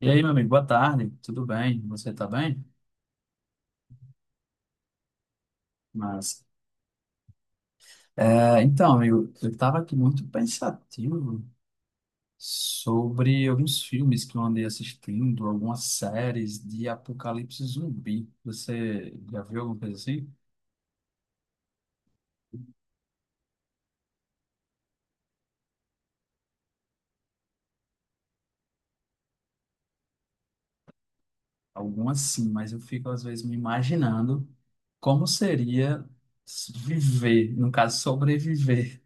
E aí, meu amigo, boa tarde, tudo bem? Você tá bem? Mas, amigo, eu tava aqui muito pensativo sobre alguns filmes que eu andei assistindo, algumas séries de apocalipse zumbi. Você já viu alguma coisa assim? Algumas sim, mas eu fico às vezes me imaginando como seria viver, no caso, sobreviver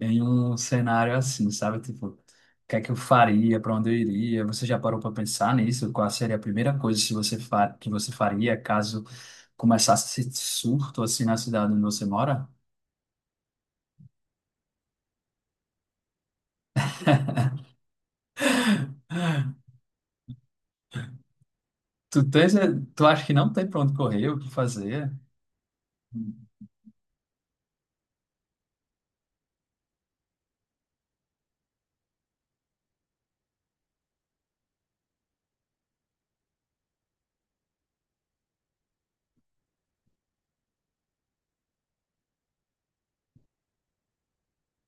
em um cenário assim, sabe? Tipo, o que é que eu faria, para onde eu iria? Você já parou para pensar nisso? Qual seria a primeira coisa se você fa que você faria caso começasse esse surto assim na cidade onde você mora? Tu tens, tu acha que não tem para onde correr, o que fazer?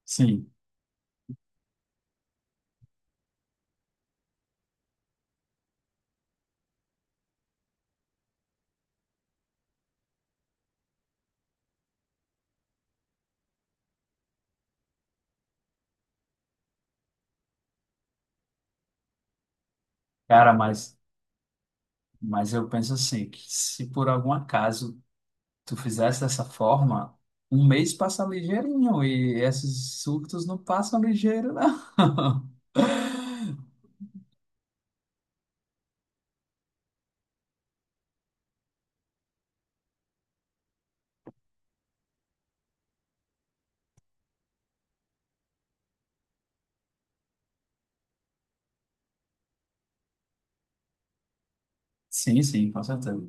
Sim, cara, mas eu penso assim, que se por algum acaso tu fizesse dessa forma, um mês passa ligeirinho e esses surtos não passam ligeiro, não. Sim, sim, com certeza.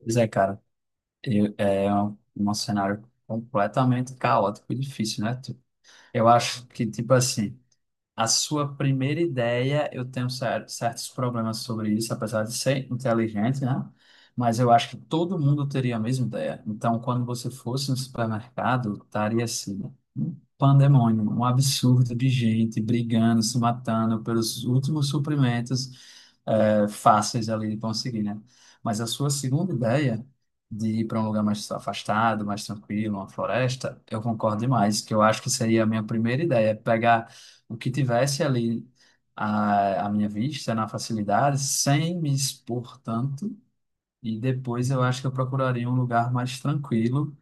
Pois é, cara, é um cenário completamente caótico e difícil, né? Eu acho que, tipo assim, a sua primeira ideia, eu tenho certos problemas sobre isso, apesar de ser inteligente, né? Mas eu acho que todo mundo teria a mesma ideia. Então, quando você fosse no supermercado, estaria assim, um pandemônio, um absurdo de gente brigando, se matando pelos últimos suprimentos, fáceis ali de conseguir, né? Mas a sua segunda ideia de ir para um lugar mais afastado, mais tranquilo, uma floresta, eu concordo demais, que eu acho que seria a minha primeira ideia, pegar o que tivesse ali à minha vista, na facilidade, sem me expor tanto. E depois eu acho que eu procuraria um lugar mais tranquilo,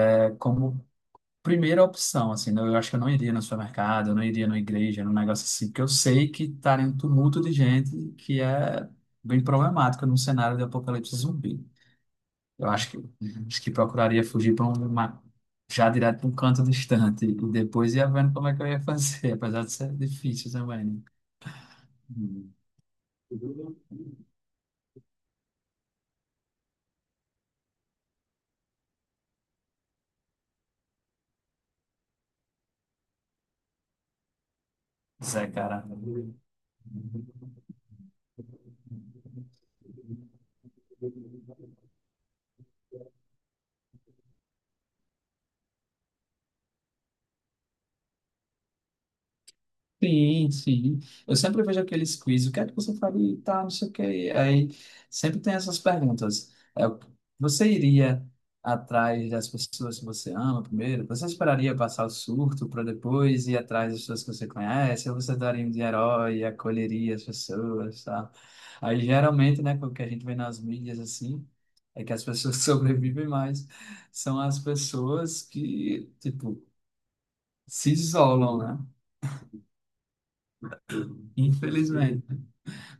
é, como primeira opção, assim, eu acho que eu não iria no supermercado, eu não iria numa igreja, num negócio assim, porque eu sei que estaria um tumulto de gente que é bem problemático num cenário de apocalipse zumbi. Eu acho que, acho que procuraria fugir para uma, já direto para um canto distante, e depois ia vendo como é que eu ia fazer, apesar de ser difícil também. Né? Zé, cara. Sim, sim. Eu sempre vejo aqueles quiz, o que é que você faria e tal, não sei o quê. Aí sempre tem essas perguntas. Você iria atrás das pessoas que você ama primeiro? Você esperaria passar o surto para depois ir atrás das pessoas que você conhece? Ou você daria um de herói e acolheria as pessoas, tá? Aí geralmente, né, o que a gente vê nas mídias assim, é que as pessoas sobrevivem mais. São as pessoas que, tipo, se isolam, né? Infelizmente.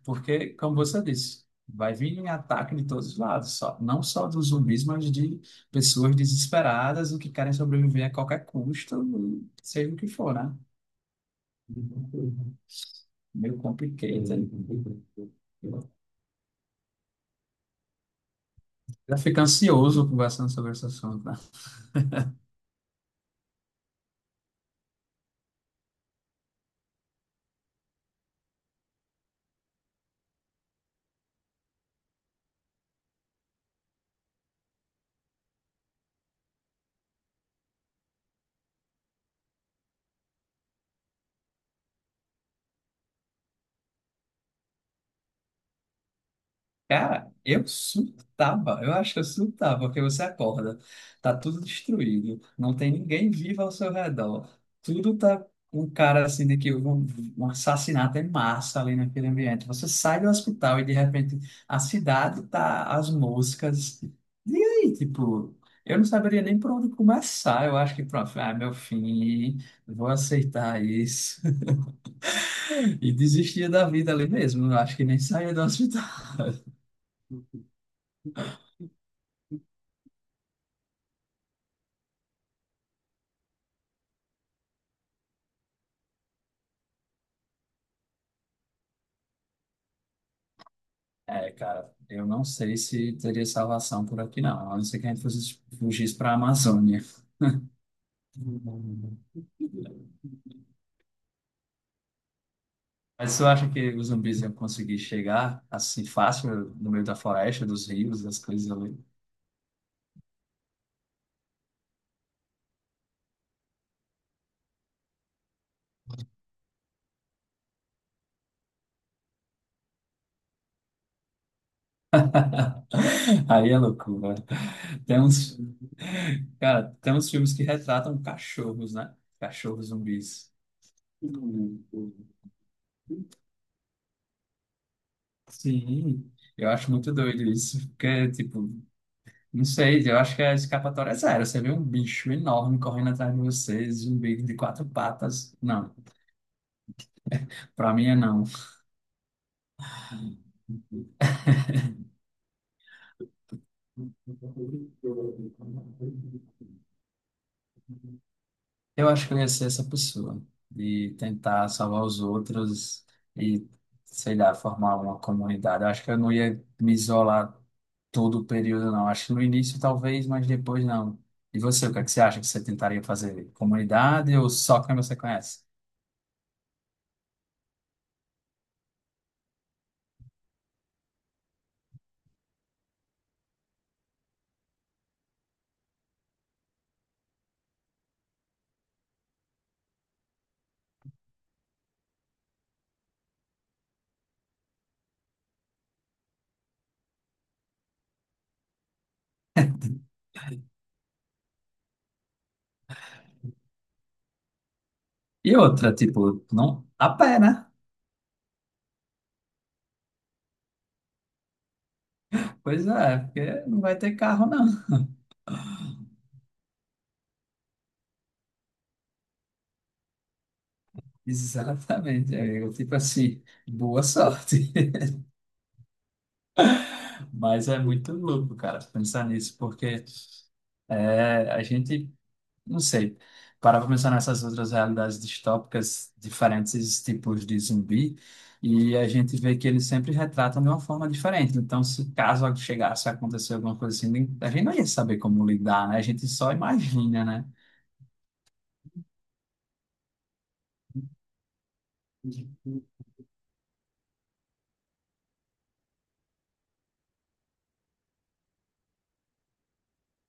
Porque, como você disse, vai vir ataque de todos os lados, só, não só dos zumbis, mas de pessoas desesperadas e que querem sobreviver a qualquer custo, seja o que for, né? Meio complicado. Já fica ansioso conversando sobre esse assunto. Cara, eu surtava, eu acho que eu surtava, porque você acorda, tá tudo destruído, não tem ninguém vivo ao seu redor, tudo tá um cara assim de que houve um assassinato em massa ali naquele ambiente. Você sai do hospital e de repente a cidade tá as moscas. E aí, tipo, eu não saberia nem por onde começar. Eu acho que pronto, ah, meu fim, vou aceitar isso. E desistia da vida ali mesmo. Eu acho que nem saía do hospital. É, cara, eu não sei se teria salvação por aqui, não. A não ser que a gente fosse fugisse para a Amazônia. Uhum. Mas você acha que os zumbis iam conseguir chegar assim fácil no meio da floresta, dos rios, das coisas ali? Aí é loucura. Tem uns, cara, tem uns filmes que retratam cachorros, né? Cachorros zumbis. Uhum. Sim, eu acho muito doido isso, porque, tipo, não sei, eu acho que a escapatória é zero. Você vê um bicho enorme correndo atrás de você, zumbi de quatro patas. Não, pra mim é não. Eu acho que eu ia ser essa pessoa, de tentar salvar os outros e, sei lá, formar uma comunidade. Eu acho que eu não ia me isolar todo o período, não. Acho que no início talvez, mas depois não. E você, o que é que você acha que você tentaria fazer? Comunidade ou só quem você conhece? E outra, tipo, não a pé, né? Pois é, é porque não vai ter carro, não. Exatamente, amigo. Tipo assim, boa sorte. Mas é muito louco, cara, pensar nisso, porque é, a gente, não sei, parar para pensar nessas outras realidades distópicas, diferentes tipos de zumbi, e a gente vê que eles sempre retratam de uma forma diferente. Então, se caso chegasse a acontecer alguma coisa assim, a gente não ia saber como lidar, né? A gente só imagina, né?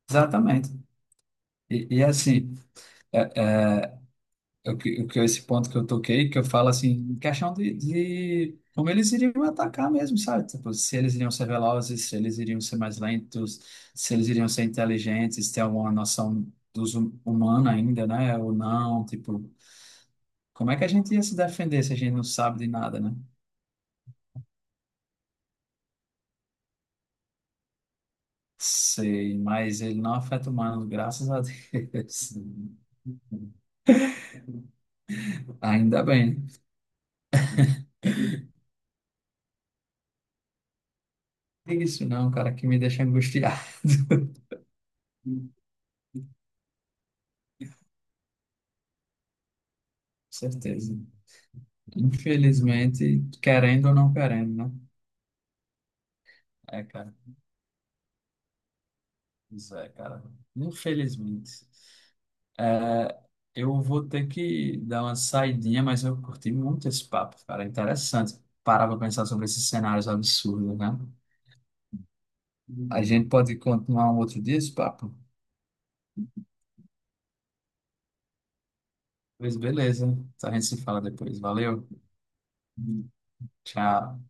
Exatamente. E, e assim. O o que é esse ponto que eu toquei, que eu falo assim, em questão de como eles iriam atacar mesmo, sabe? Tipo, se eles iriam ser velozes, se eles iriam ser mais lentos, se eles iriam ser inteligentes, ter alguma noção dos humana ainda, né? Ou não, tipo, como é que a gente ia se defender se a gente não sabe de nada, né? Sei, mas ele não afeta humanos, graças a Deus. Ainda bem. Isso não, cara, que me deixa angustiado. Com certeza. Infelizmente, querendo ou não querendo, né? É, cara. Isso é, cara. Infelizmente. É, eu vou ter que dar uma saidinha, mas eu curti muito esse papo, cara. Interessante. Parar pra pensar sobre esses cenários absurdos, né? A gente pode continuar um outro dia esse papo? Pois beleza. A gente se fala depois. Valeu. Tchau.